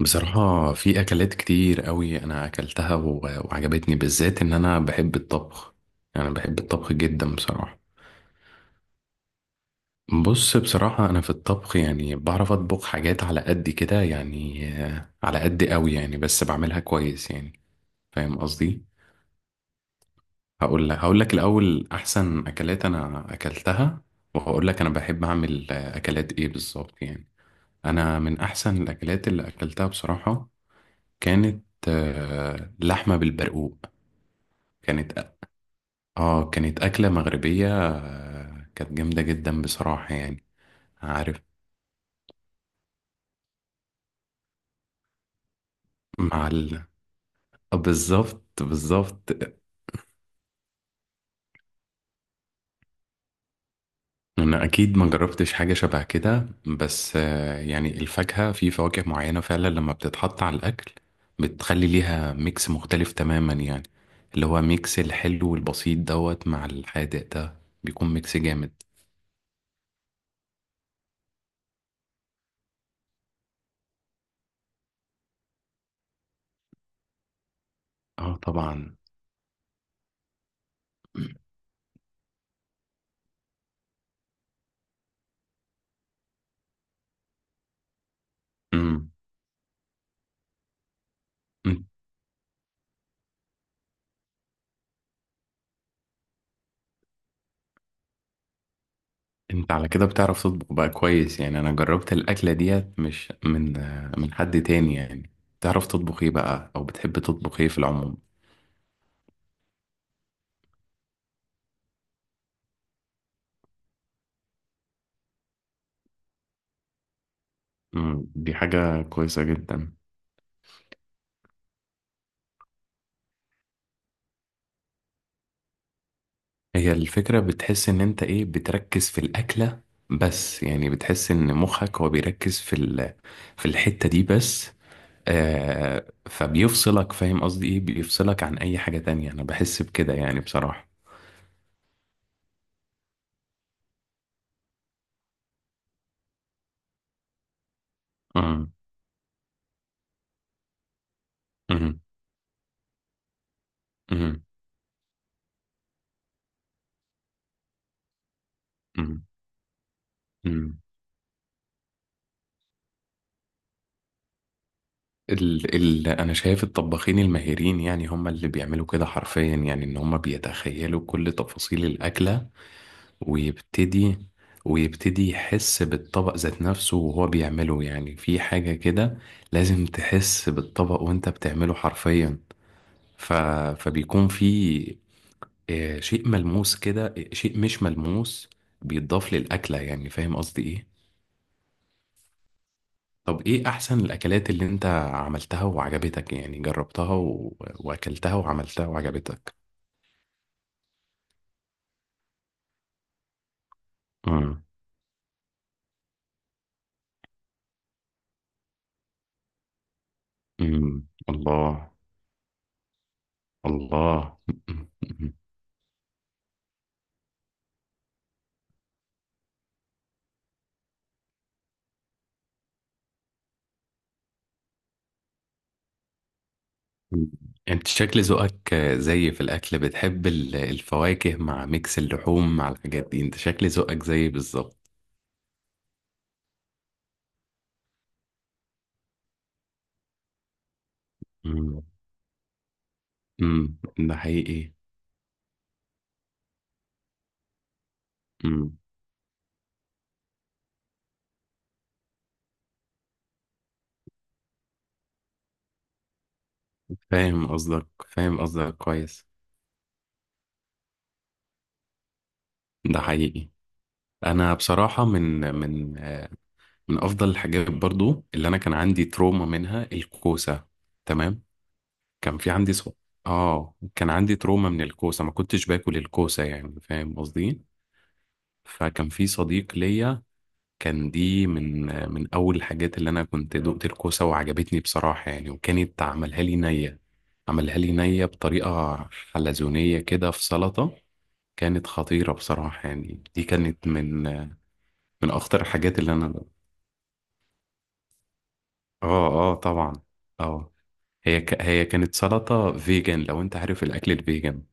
بصراحة في أكلات كتير قوي أنا أكلتها و- وعجبتني بالذات إن أنا بحب الطبخ، يعني بحب الطبخ جدا بصراحة. بص بصراحة أنا في الطبخ يعني بعرف أطبخ حاجات على قد كده، يعني على قد قوي يعني، بس بعملها كويس يعني. فاهم قصدي؟ هقول لك الأول أحسن أكلات أنا أكلتها، وهقول لك أنا بحب أعمل أكلات إيه بالظبط يعني. أنا من أحسن الأكلات اللي أكلتها بصراحة كانت لحمة بالبرقوق. كانت اه كانت أكلة مغربية، كانت جامدة جدا بصراحة يعني. عارف. مع آه، بالظبط بالظبط. أنا أكيد ما جربتش حاجة شبه كده، بس يعني الفاكهة، في فواكه معينة فعلا لما بتتحط على الأكل بتخلي ليها ميكس مختلف تماما يعني. اللي هو ميكس الحلو والبسيط دوت مع الحادق ده بيكون ميكس جامد. اه طبعا. امم. انت على كده بتعرف تطبخ بقى كويس يعني؟ انا جربت الاكله ديت مش من من حد تاني يعني. تعرف تطبخ ايه بقى، او بتحب تطبخ ايه في العموم؟ مم، دي حاجه كويسه جدا. هي الفكره بتحس ان انت ايه، بتركز في الاكله، بس يعني بتحس ان مخك هو بيركز في في الحته دي بس. آه، فبيفصلك، فاهم قصدي ايه؟ بيفصلك عن اي حاجه تانية، انا بحس بكده يعني بصراحه. مم، مم، مم، مم، مم. ال انا شايف الطباخين الماهرين يعني هم اللي بيعملوا كده حرفيا، يعني ان هم بيتخيلوا كل تفاصيل الاكله. ويبتدي ويبتدي يحس بالطبق ذات نفسه وهو بيعمله، يعني في حاجه كده. لازم تحس بالطبق وانت بتعمله حرفيا. ف فبيكون في آه، شيء ملموس كده، آه، شيء مش ملموس بيتضاف للاكله، يعني فاهم قصدي ايه؟ طب ايه احسن الاكلات اللي انت عملتها وعجبتك، يعني جربتها واكلتها وعملتها وعجبتك؟ امم. امم. الله. الله. مم. انت شكل ذوقك زي في الاكل بتحب الفواكه مع ميكس اللحوم مع الحاجات دي، انت شكل ذوقك زي بالظبط. امم. امم. ده حقيقي. امم. فاهم قصدك، فاهم قصدك كويس. ده حقيقي. انا بصراحة من افضل الحاجات برضو اللي انا كان عندي تروما منها الكوسه. تمام. كان في اه كان عندي تروما من الكوسه، ما كنتش باكل الكوسه يعني، فاهم قصدي؟ فكان في صديق ليا كان دي من اول الحاجات اللي انا كنت دقت الكوسه وعجبتني بصراحه يعني، وكانت عملها لي نيه. عملها لي نيه بطريقه حلزونيه كده في سلطه. كانت خطيره بصراحه يعني، دي كانت من من اخطر الحاجات اللي انا. اه. اه طبعا. اه، هي كانت سلطة فيجن، لو انت عارف الاكل الفيجن.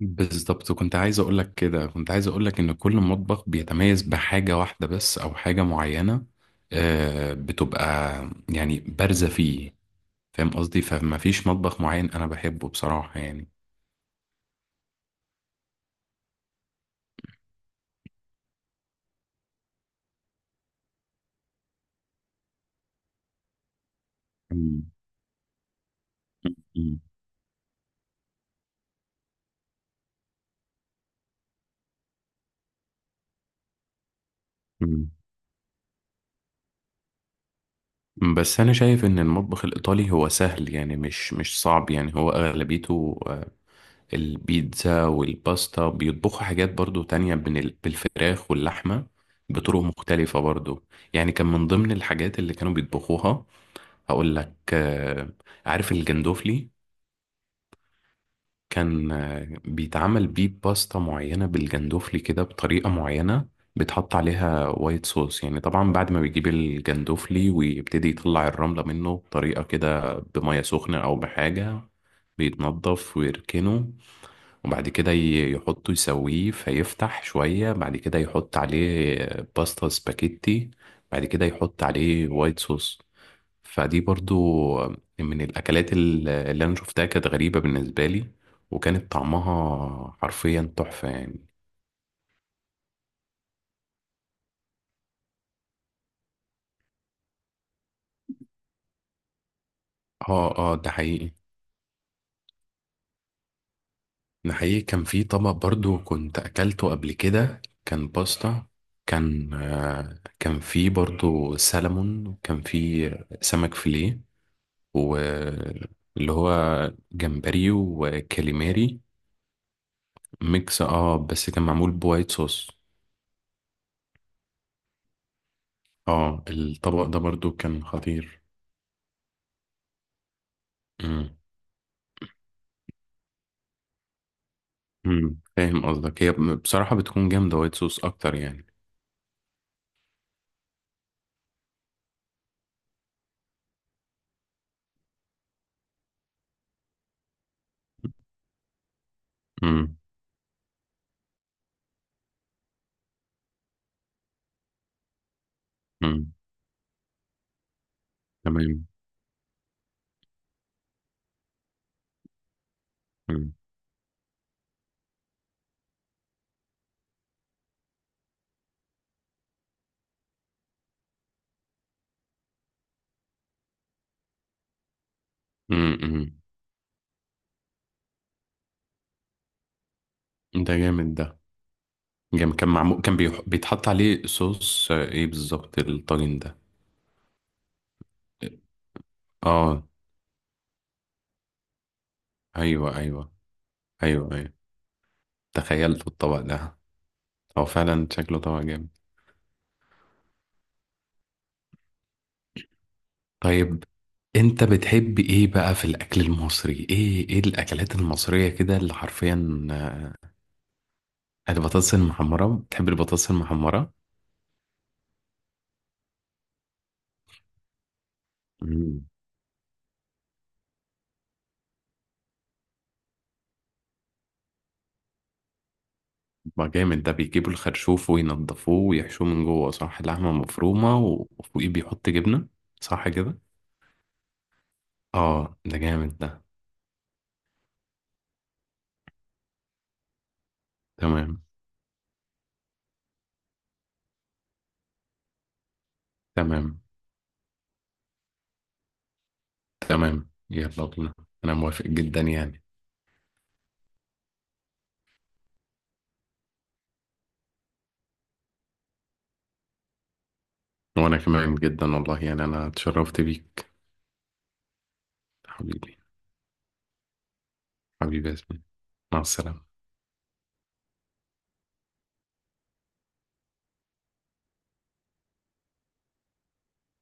بالظبط، كنت عايز اقول لك كده، كنت عايز اقول لك ان كل مطبخ بيتميز بحاجة واحدة بس او حاجة معينة آه بتبقى يعني بارزة فيه، فاهم قصدي؟ فما فيش مطبخ معين انا بحبه بصراحة يعني. مم. مم. مم. بس انا شايف ان المطبخ الايطالي هو سهل، يعني مش مش صعب يعني، هو اغلبيته البيتزا والباستا. بيطبخوا حاجات برضو تانية بين بالفراخ واللحمة بطرق مختلفة برضو. يعني كان من ضمن الحاجات اللي كانوا بيطبخوها، هقول لك آه، عارف الجندوفلي؟ كان بيتعمل بيه باستا معينة بالجندوفلي كده بطريقة معينة. بيتحط عليها وايت صوص، يعني طبعا بعد ما بيجيب الجندوفلي ويبتدي يطلع الرملة منه بطريقة كده بمية سخنة أو بحاجة. بيتنضف ويركنه، وبعد كده يحطه يسويه فيفتح شوية. بعد كده يحط عليه باستا سباكيتي، بعد كده يحط عليه وايت صوص. فدي برضو من الأكلات اللي أنا شفتها كانت غريبة بالنسبة لي، وكانت طعمها حرفيا تحفة يعني. اه ده حقيقي. ده حقيقي. كان في طبق برضو كنت أكلته قبل كده، كان باستا. كان آه، كان في برضو سلمون، وكان في سمك فيليه، واللي هو جمبري وكاليماري. ميكس، اه، بس كان معمول بوايت صوص. اه الطبق ده برضو كان خطير. امم. امم. فاهم قصدك، هي بصراحة بتكون جامدة وايت صوص اكتر يعني. امم. امم. تمام. امم. امم. ده جامد. ده جامد، كان معمول، كان بيتحط عليه صوص، آه، ايه بالظبط الطاجن ده؟ اه. ايوه ايوه. ايوه ايوه. تخيلت الطبق ده. هو فعلا شكله طبق جامد. طيب انت بتحب ايه بقى في الاكل المصري؟ ايه ايه الاكلات المصرية كده اللي حرفيا؟ آه، البطاطس المحمرة؟ بتحب البطاطس المحمرة. مم. ما جامد ده، بيجيبوا الخرشوف وينضفوه ويحشوه من جوه، صح؟ لحمة مفرومة وفوقيه بيحط جبنة، صح كده؟ اه ده جامد ده. تمام. تمام. تمام يلا بينا. انا موافق جدا يعني. وانا كمان جدا والله يعني، انا اتشرفت بيك. حبيبي. حبيبي يا ياسمين. مع السلامة.